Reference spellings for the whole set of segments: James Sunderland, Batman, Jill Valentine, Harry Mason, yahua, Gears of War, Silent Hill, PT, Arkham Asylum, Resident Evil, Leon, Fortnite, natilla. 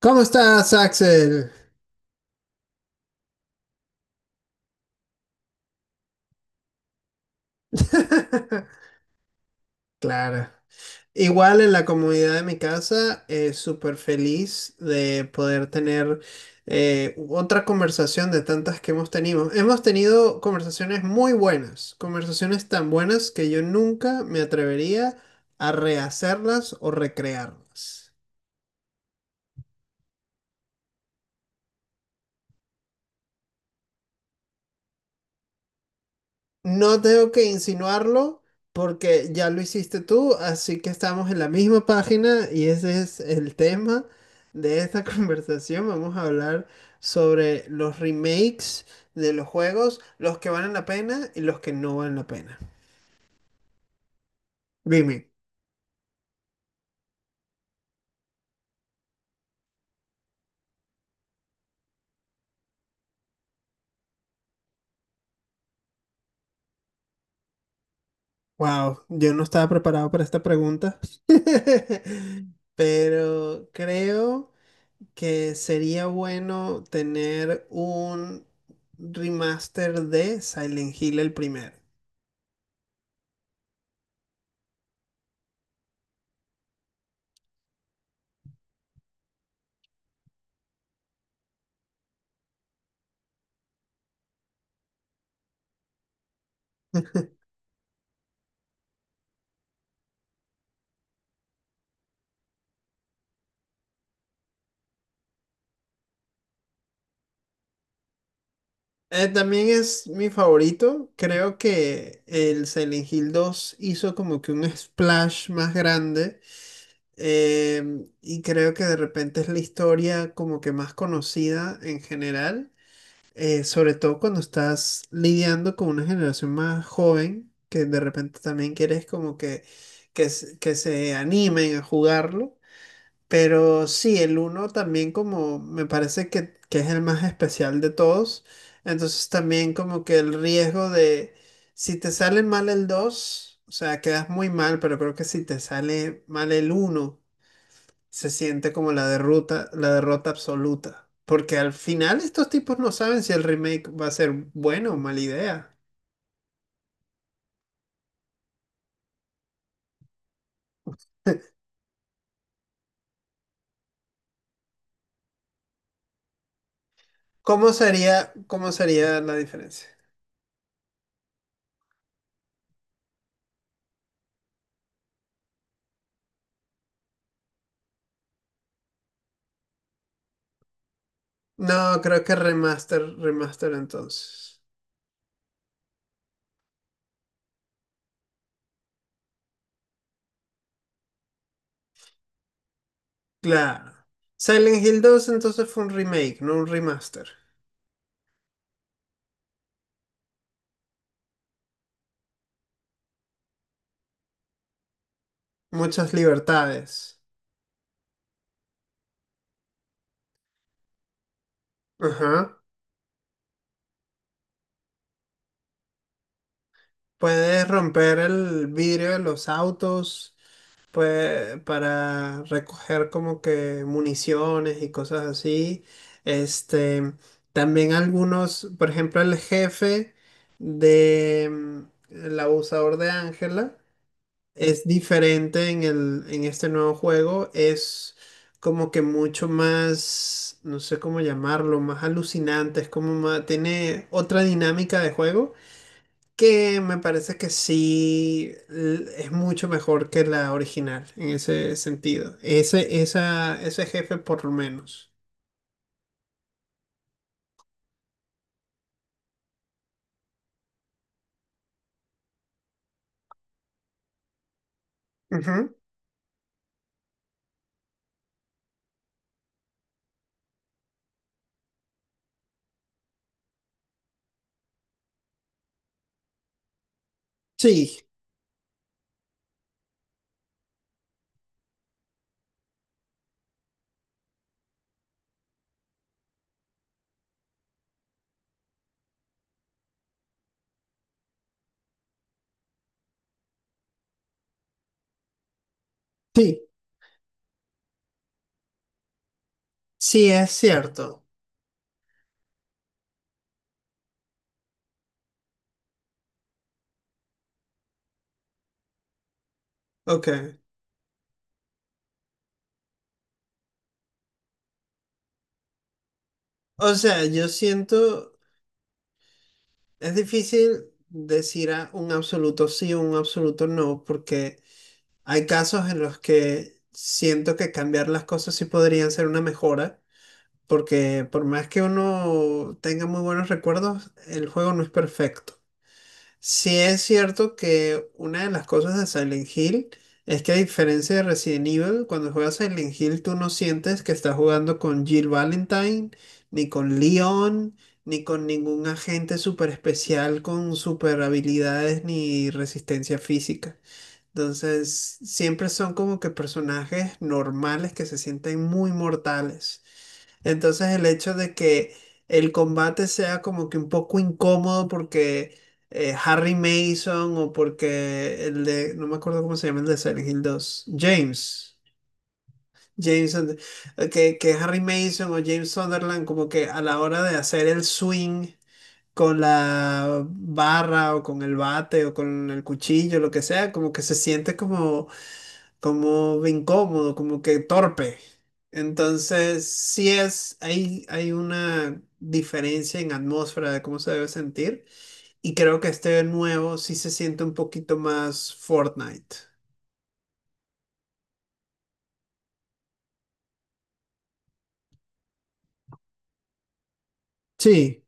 ¿Cómo estás, Axel? Claro. Igual en la comunidad de mi casa, súper feliz de poder tener otra conversación de tantas que hemos tenido. Hemos tenido conversaciones muy buenas, conversaciones tan buenas que yo nunca me atrevería a rehacerlas o recrearlas. No tengo que insinuarlo porque ya lo hiciste tú, así que estamos en la misma página y ese es el tema de esta conversación. Vamos a hablar sobre los remakes de los juegos, los que valen la pena y los que no valen la pena. Dime, wow, yo no estaba preparado para esta pregunta, pero creo que sería bueno tener un remaster de Silent Hill el primero. También es mi favorito. Creo que el Silent Hill dos hizo como que un splash más grande. Y creo que de repente es la historia como que más conocida en general. Sobre todo cuando estás lidiando con una generación más joven, que de repente también quieres como que, que se animen a jugarlo. Pero sí, el uno también como me parece que es el más especial de todos. Entonces también como que el riesgo de si te sale mal el dos, o sea, quedas muy mal, pero creo que si te sale mal el uno se siente como la derrota absoluta. Porque al final estos tipos no saben si el remake va a ser bueno o mala idea. Cómo sería la diferencia? No, creo que remaster entonces. Claro. Silent Hill dos entonces fue un remake, no un remaster. Muchas libertades. Ajá. Puedes romper el vidrio de los autos para recoger como que municiones y cosas así. Este, también algunos, por ejemplo, el jefe de el abusador de Ángela es diferente en este nuevo juego. Es como que mucho más, no sé cómo llamarlo, más alucinante. Es como más, tiene otra dinámica de juego que me parece que sí es mucho mejor que la original en ese sentido. Ese jefe por lo menos. Ujú. Sí, sí, sí es cierto. Ok. O sea, yo siento... Es difícil decir a un absoluto sí o un absoluto no, porque hay casos en los que siento que cambiar las cosas sí podrían ser una mejora, porque por más que uno tenga muy buenos recuerdos, el juego no es perfecto. Sí es cierto que una de las cosas de Silent Hill es que, a diferencia de Resident Evil, cuando juegas Silent Hill tú no sientes que estás jugando con Jill Valentine, ni con Leon, ni con ningún agente súper especial con super habilidades ni resistencia física. Entonces siempre son como que personajes normales que se sienten muy mortales. Entonces el hecho de que el combate sea como que un poco incómodo porque Harry Mason, o porque el de, no me acuerdo cómo se llama el de Silent Hill 2, James. James, and- que Harry Mason o James Sunderland, como que a la hora de hacer el swing con la barra o con el bate o con el cuchillo, lo que sea, como que se siente como de incómodo, como que torpe. Entonces, sí es, hay una diferencia en atmósfera de cómo se debe sentir, y creo que este nuevo sí se siente un poquito más Fortnite. Sí,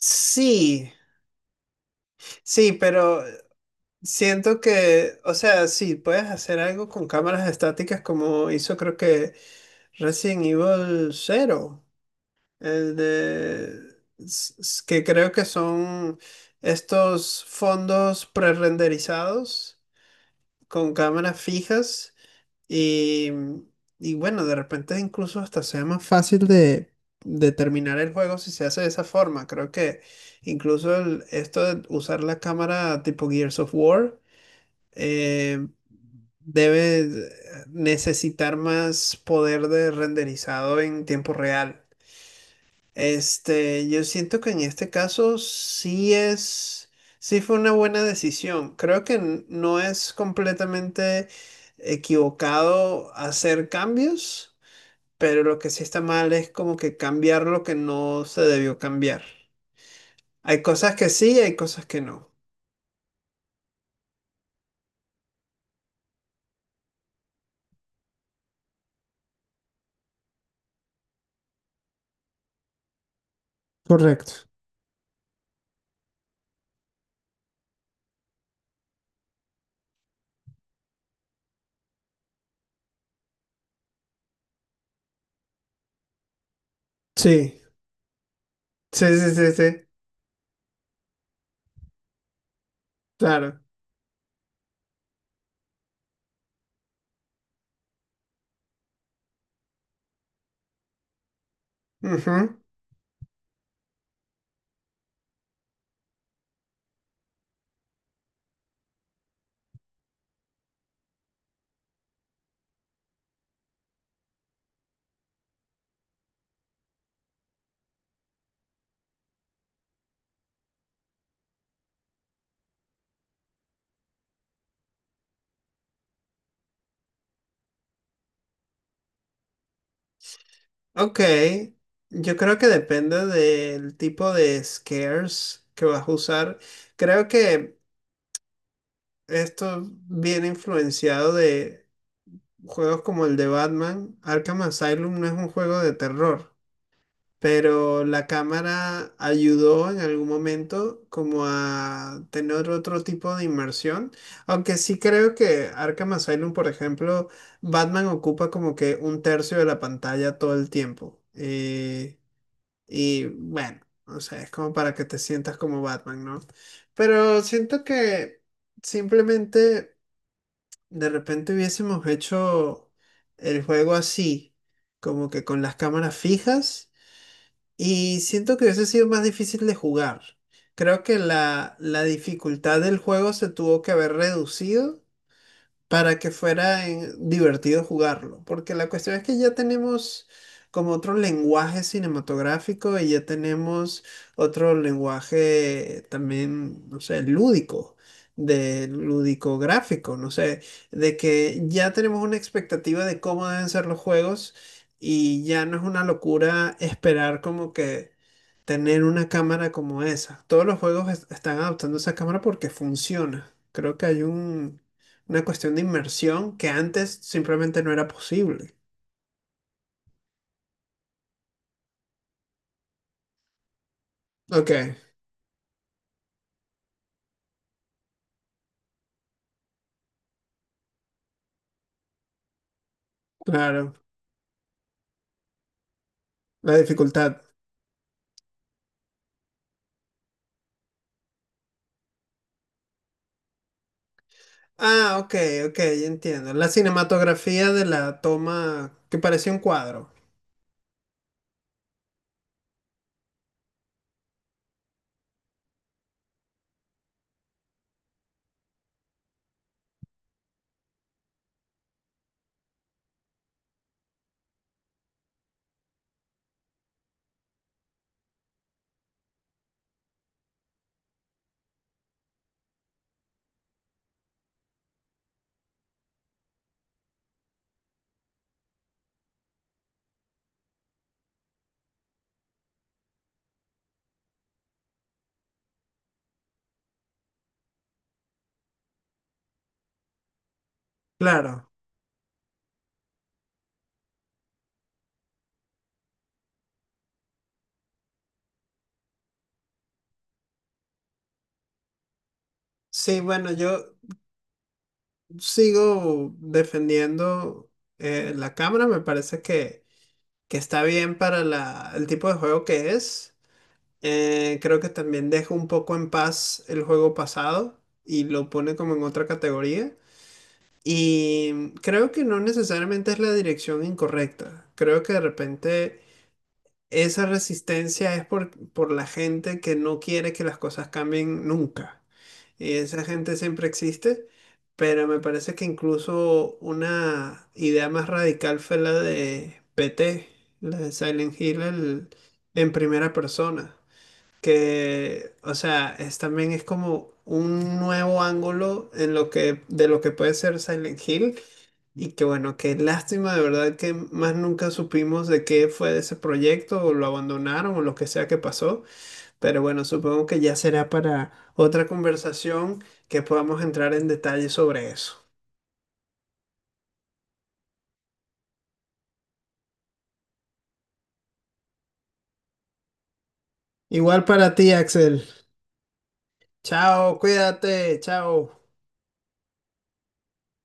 sí, sí, pero siento que, o sea, sí, puedes hacer algo con cámaras estáticas como hizo, creo que, Resident Evil Cero. eh, que creo que son estos fondos prerenderizados con cámaras fijas, y, y bueno, de repente incluso hasta sea más fácil de terminar el juego si se hace de esa forma. Creo que incluso esto de usar la cámara tipo Gears of War eh, debe necesitar más poder de renderizado en tiempo real. Este, yo siento que en este caso sí es, sí fue una buena decisión. Creo que no es completamente equivocado hacer cambios, pero lo que sí está mal es como que cambiar lo que no se debió cambiar. Hay cosas que sí, hay cosas que no. Correcto. Sí, sí, sí, sí, sí, claro. Ujú. Ok, yo creo que depende del tipo de scares que vas a usar. Creo que esto viene influenciado de juegos como el de Batman. Arkham Asylum no es un juego de terror, pero la cámara ayudó en algún momento como a tener otro tipo de inmersión. Aunque sí creo que Arkham Asylum, por ejemplo, Batman ocupa como que un tercio de la pantalla todo el tiempo. Y bueno, o sea, es como para que te sientas como Batman, ¿no? Pero siento que simplemente... De repente hubiésemos hecho el juego así, como que con las cámaras fijas, y siento que hubiese sido más difícil de jugar. Creo que la dificultad del juego se tuvo que haber reducido para que fuera divertido jugarlo, porque la cuestión es que ya tenemos como otro lenguaje cinematográfico, y ya tenemos otro lenguaje también, no sé, lúdico, de lúdico gráfico, no sé, de que ya tenemos una expectativa de cómo deben ser los juegos, y ya no es una locura esperar como que tener una cámara como esa. Todos los juegos están adoptando esa cámara porque funciona. Creo que hay un, una cuestión de inmersión que antes simplemente no era posible. Ok, claro. La dificultad. Ah, ok, ok, ya entiendo. La cinematografía de la toma que parecía un cuadro. Claro. Sí, bueno, yo sigo defendiendo la cámara. Me parece que está bien para el tipo de juego que es. Creo que también deja un poco en paz el juego pasado y lo pone como en otra categoría. Y creo que no necesariamente es la dirección incorrecta. Creo que de repente esa resistencia es por la gente que no quiere que las cosas cambien nunca. Y esa gente siempre existe, pero me parece que incluso una idea más radical fue la de PT, la de Silent Hill en primera persona que, o sea, es, también es como un nuevo ángulo en lo que, de lo que puede ser Silent Hill. Y que bueno, qué lástima de verdad que más nunca supimos de qué fue de ese proyecto, o lo abandonaron o lo que sea que pasó. Pero bueno, supongo que ya será para otra conversación que podamos entrar en detalle sobre eso. Igual para ti, Axel. Chao, cuídate, chao.